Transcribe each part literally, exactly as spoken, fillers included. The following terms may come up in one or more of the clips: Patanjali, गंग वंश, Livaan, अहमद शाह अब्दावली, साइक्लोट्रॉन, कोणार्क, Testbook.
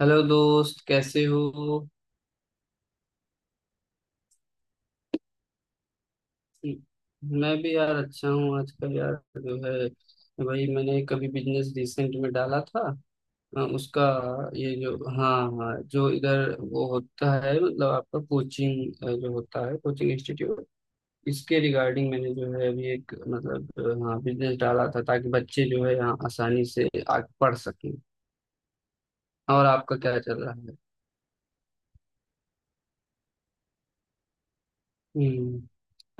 Hello दोस्त, कैसे हो। मैं भी यार अच्छा हूँ आजकल यार। जो है वही मैंने कभी बिजनेस रिसेंट में डाला था। अ, उसका ये जो हाँ। हाँ, जो इधर वो होता है मतलब आपका कोचिंग, जो होता है कोचिंग इंस्टीट्यूट। इसके रिगार्डिंग मैंने जो है अभी एक मतलब अ, हाँ बिजनेस डाला था, ताकि बच्चे जो है यहाँ आसानी से आ पढ़ सकें। और आपका क्या चल रहा है। हम्म।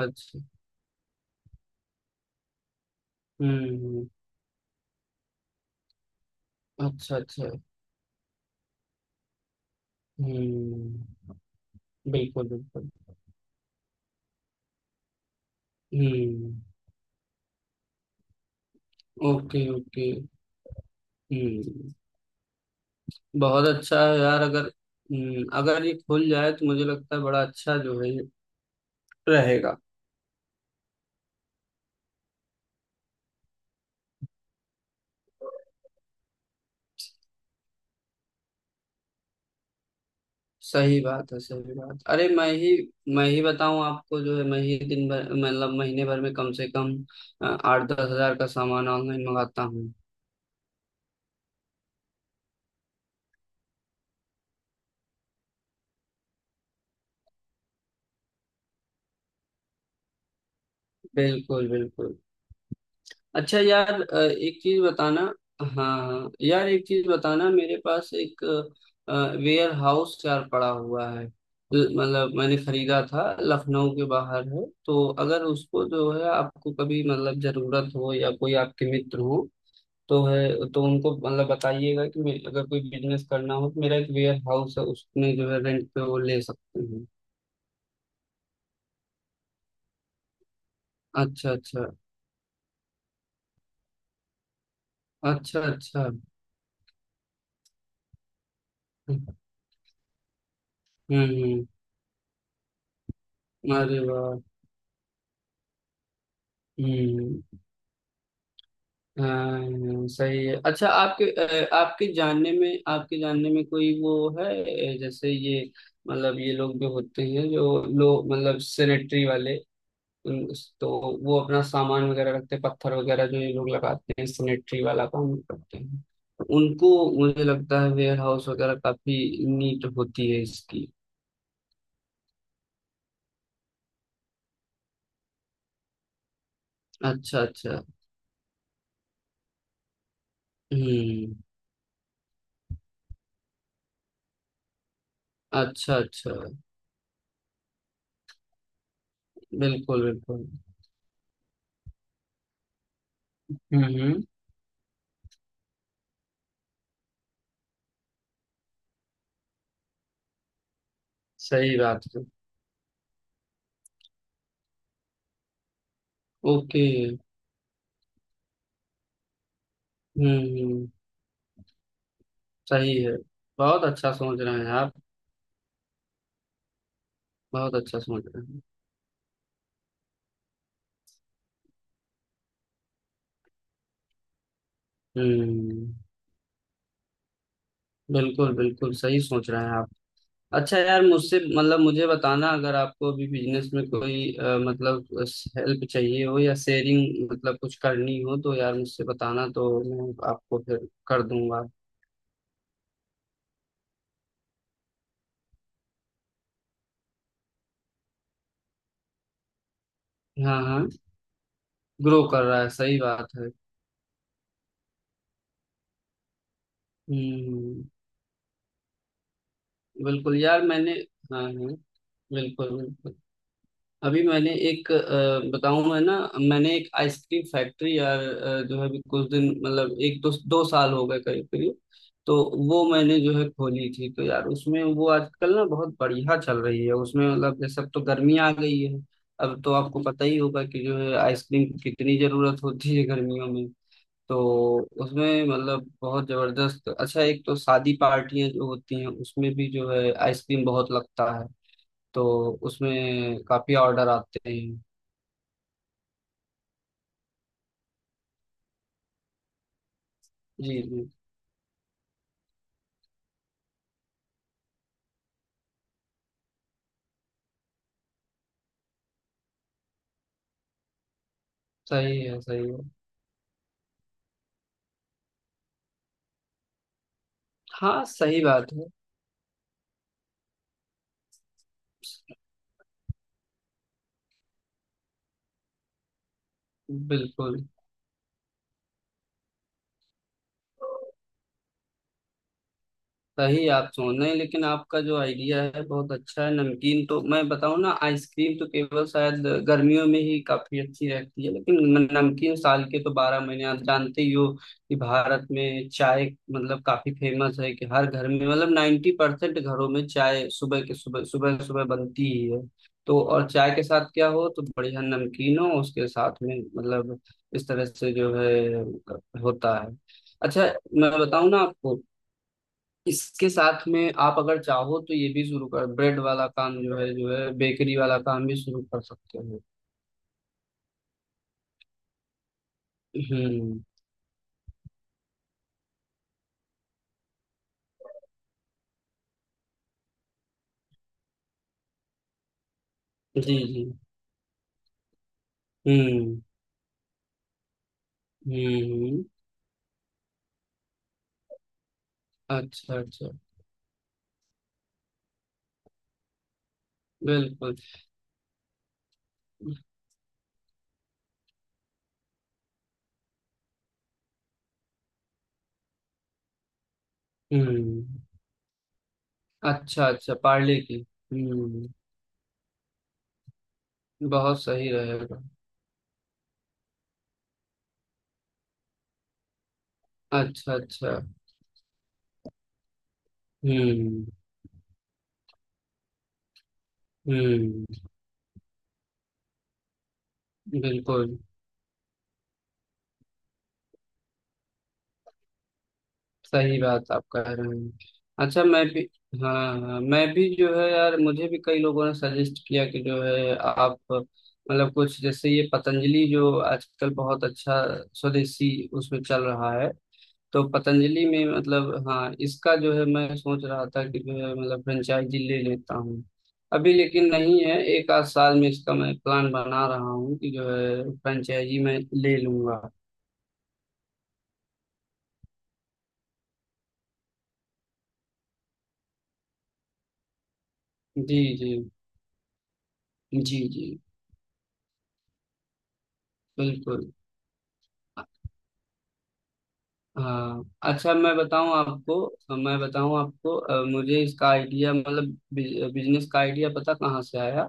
अच्छा। हम्म। अच्छा अच्छा। हम्म। बिल्कुल बिल्कुल। हम्म। Okay okay. हम्म। बहुत अच्छा है यार अगर। हम्म, अगर ये खुल जाए तो मुझे लगता है बड़ा अच्छा जो है ये रहेगा। सही बात है, सही बात। अरे मैं ही मैं ही बताऊं आपको, जो है मैं ही दिन भर मतलब महीने भर में कम से कम अ, आठ दस हजार का सामान ऑनलाइन मंगाता हूँ। बिल्कुल बिल्कुल। अच्छा यार, अ, एक चीज बताना। हाँ हाँ। यार एक चीज बताना, मेरे पास एक वेयर हाउस यार पड़ा हुआ है। ल- मतलब मैंने खरीदा था, लखनऊ के बाहर है, तो अगर उसको जो है आपको कभी मतलब जरूरत हो या कोई आपके मित्र हो तो है, तो उनको मतलब बताइएगा कि मे- अगर कोई बिजनेस करना हो तो मेरा एक वेयर हाउस है, उसमें जो है रेंट पे वो ले सकते हैं। अच्छा अच्छा। अच्छा अच्छा। हम्म हम्म। अरे वाह। हम्म। हाँ, सही है। अच्छा, आपके अ, आपके जानने में आपके जानने में कोई वो है। अ, जैसे ये मतलब ये लोग जो होते हैं, जो लोग मतलब सेनेटरी वाले। उन- तो वो अपना सामान वगैरह रखते हैं, पत्थर वगैरह जो ये लोग लगाते हैं, सेनेटरी वाला काम करते हैं उनको। मुझे लगता है वेयर हाउस वगैरह काफी नीट होती है इसकी। अच्छा अच्छा। हम्म। अच्छा अच्छा। बिल्कुल बिल्कुल। हम्म हम्म। सही बात है। ओके। हम्म हम्म। सही है। बहुत अच्छा सोच रहे हैं आप। बहुत अच्छा सोच रहे हैं। हम्म। बिल्कुल बिल्कुल, सही सोच रहे हैं आप। अच्छा यार, मुझसे मतलब मुझे बताना, अगर आपको अभी बिजनेस में कोई अ, मतलब हेल्प चाहिए हो या शेयरिंग मतलब कुछ करनी हो तो यार मुझसे बताना, तो मैं आपको फिर कर दूंगा। हाँ हाँ। ग्रो कर रहा है, सही बात है। हम्म। बिल्कुल यार, मैंने। हाँ हाँ। बिल्कुल बिल्कुल। अभी मैंने एक अ, बताऊं मैं ना। मैंने एक आइसक्रीम फैक्ट्री यार, अ, जो है अभी कुछ दिन मतलब एक दो दो साल हो गए करीब करीब। तो वो मैंने जो है खोली थी, तो यार उसमें वो आजकल ना बहुत बढ़िया चल रही है। उसमें मतलब जैसे अब तो गर्मी आ गई है, अब तो आपको पता ही होगा कि जो है आइसक्रीम की कितनी जरूरत होती है गर्मियों में। तो उसमें मतलब बहुत जबरदस्त अच्छा। एक तो शादी पार्टियां जो होती हैं, उसमें भी जो है आइसक्रीम बहुत लगता है। तो उसमें काफी ऑर्डर आते हैं। जी जी। सही है सही है। हाँ सही बात है। बिल्कुल। सही आप सोच रहे हैं, लेकिन आपका जो आइडिया है बहुत अच्छा है नमकीन। तो मैं बताऊं ना, आइसक्रीम तो केवल शायद गर्मियों में ही काफी अच्छी रहती है, लेकिन न- नमकीन साल के तो बारह महीने आप जानते ही हो कि भारत में चाय मतलब काफी फेमस है। कि हर घर में मतलब नाइन्टी परसेंट घरों में चाय सुबह के सुबह सुबह सुबह बनती ही है। तो और चाय के साथ क्या हो तो बढ़िया नमकीन हो उसके साथ में मतलब। इस तरह से जो है होता है। अच्छा मैं बताऊं ना आपको, इसके साथ में आप अगर चाहो तो ये भी शुरू कर, ब्रेड वाला काम जो है जो है बेकरी वाला काम भी शुरू कर सकते हो। हम्म। जी जी। हम्म हम्म। अच्छा अच्छा। बिल्कुल। हम्म। अच्छा अच्छा पार्ले की। हम्म। बहुत सही रहेगा। अच्छा अच्छा। हम्म हम्म। बिल्कुल। सही बात आप कह रहे हैं। अच्छा मैं भी। हाँ हाँ, मैं भी जो है यार, मुझे भी कई लोगों ने सजेस्ट किया कि जो है आप मतलब कुछ जैसे ये पतंजलि जो आजकल बहुत अच्छा स्वदेशी उसमें चल रहा है। तो पतंजलि में मतलब हाँ इसका जो है मैं सोच रहा था कि जो है मतलब फ्रेंचाइजी ले लेता हूँ अभी, लेकिन नहीं है, एक आध साल में इसका मैं प्लान बना रहा हूँ कि जो है फ्रेंचाइजी मैं ले लूंगा। जी जी। जी जी। बिल्कुल। हाँ, अच्छा मैं बताऊं आपको मैं बताऊं आपको अ, मुझे इसका आइडिया मतलब बिजनेस का आइडिया पता कहाँ से आया।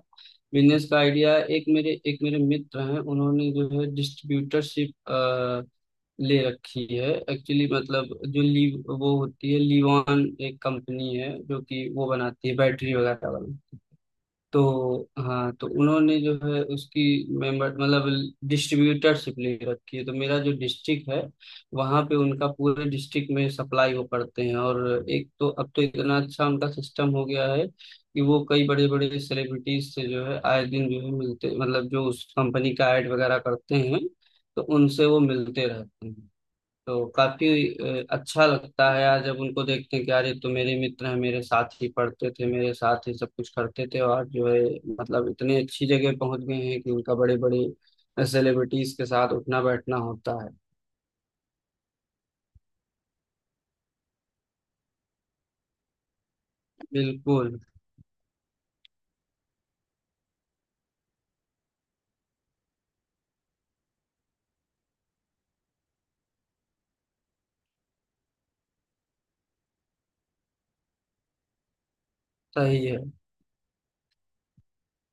बिजनेस का आइडिया, एक मेरे एक मेरे मित्र हैं, उन्होंने जो है डिस्ट्रीब्यूटरशिप ले रखी है एक्चुअली। मतलब जो ली वो होती है लीवान, एक कंपनी है जो कि वो बनाती है बैटरी वगैरह वाली। तो हाँ, तो उन्होंने जो है उसकी मेंबर मतलब डिस्ट्रीब्यूटरशिप ले रखी है। तो मेरा जो डिस्ट्रिक्ट है, वहाँ पे उनका पूरे डिस्ट्रिक्ट में सप्लाई वो करते हैं। और एक तो अब तो इतना अच्छा उनका सिस्टम हो गया है कि वो कई बड़े बड़े सेलिब्रिटीज से जो है आए दिन जो है मिलते, मतलब जो उस कंपनी का एड वगैरह करते हैं, तो उनसे वो मिलते रहते हैं। तो काफी अ, अच्छा लगता है यार, जब उनको देखते हैं कि यार ये तो मेरे मित्र हैं, मेरे साथ ही पढ़ते थे, मेरे साथ ही सब कुछ करते थे, और जो है मतलब इतनी अच्छी जगह पहुंच गए हैं कि उनका बड़े बड़े सेलिब्रिटीज के साथ उठना बैठना होता है। बिल्कुल। सही है।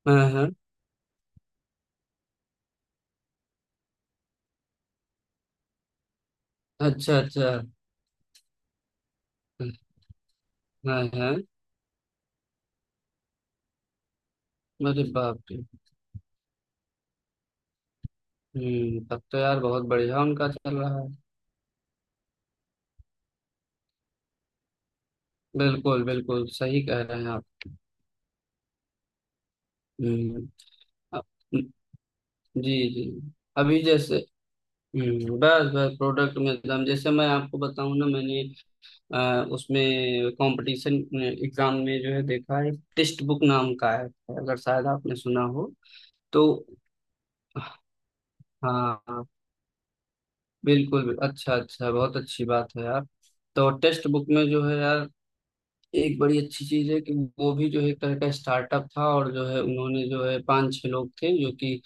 हाँ हाँ। अच्छा अच्छा। हाँ हाँ। अरे बाप रे। हम्म, तब तो यार बहुत बढ़िया उनका चल रहा है। बिल्कुल बिल्कुल, सही कह रहे हैं आप। हम्म। अ- जी जी। अभी जैसे। हम्म, बस बस प्रोडक्ट में दम, जैसे मैं आपको बताऊं ना, मैंने अ, उसमें कंपटीशन एग्जाम में जो है देखा है, टेक्स्ट बुक नाम का है, अगर शायद आपने सुना हो तो। हाँ हाँ, बिल्कुल। अच्छा अच्छा, बहुत अच्छी बात है यार। तो टेक्स्ट बुक में जो है यार एक बड़ी अच्छी चीज है कि वो भी जो है एक तरह का स्टार्टअप था, और जो है उन्होंने जो है पांच छह लोग थे जो कि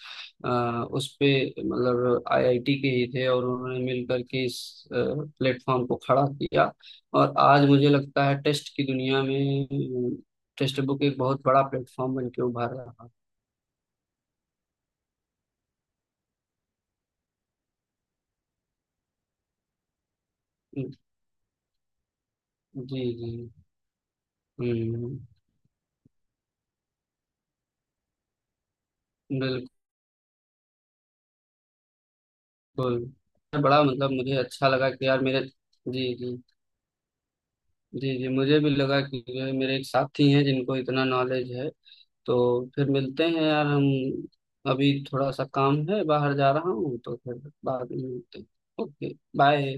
आ, उस पे मतलब आई आई टी के ही थे, और उन्होंने मिलकर के इस प्लेटफॉर्म को खड़ा किया। और आज मुझे लगता है टेस्ट की दुनिया में टेस्ट बुक एक बहुत बड़ा प्लेटफॉर्म बन के उभर रहा है। जी जी। हम्म। बिल्कुल। बड़ा मतलब मुझे अच्छा लगा कि यार मेरे। जी जी। जी जी, मुझे भी लगा कि जो है मेरे एक साथी हैं जिनको इतना नॉलेज है। तो फिर मिलते हैं यार हम, अभी थोड़ा सा काम है, बाहर जा रहा हूँ, तो फिर बाद में मिलते हैं। Okay bye.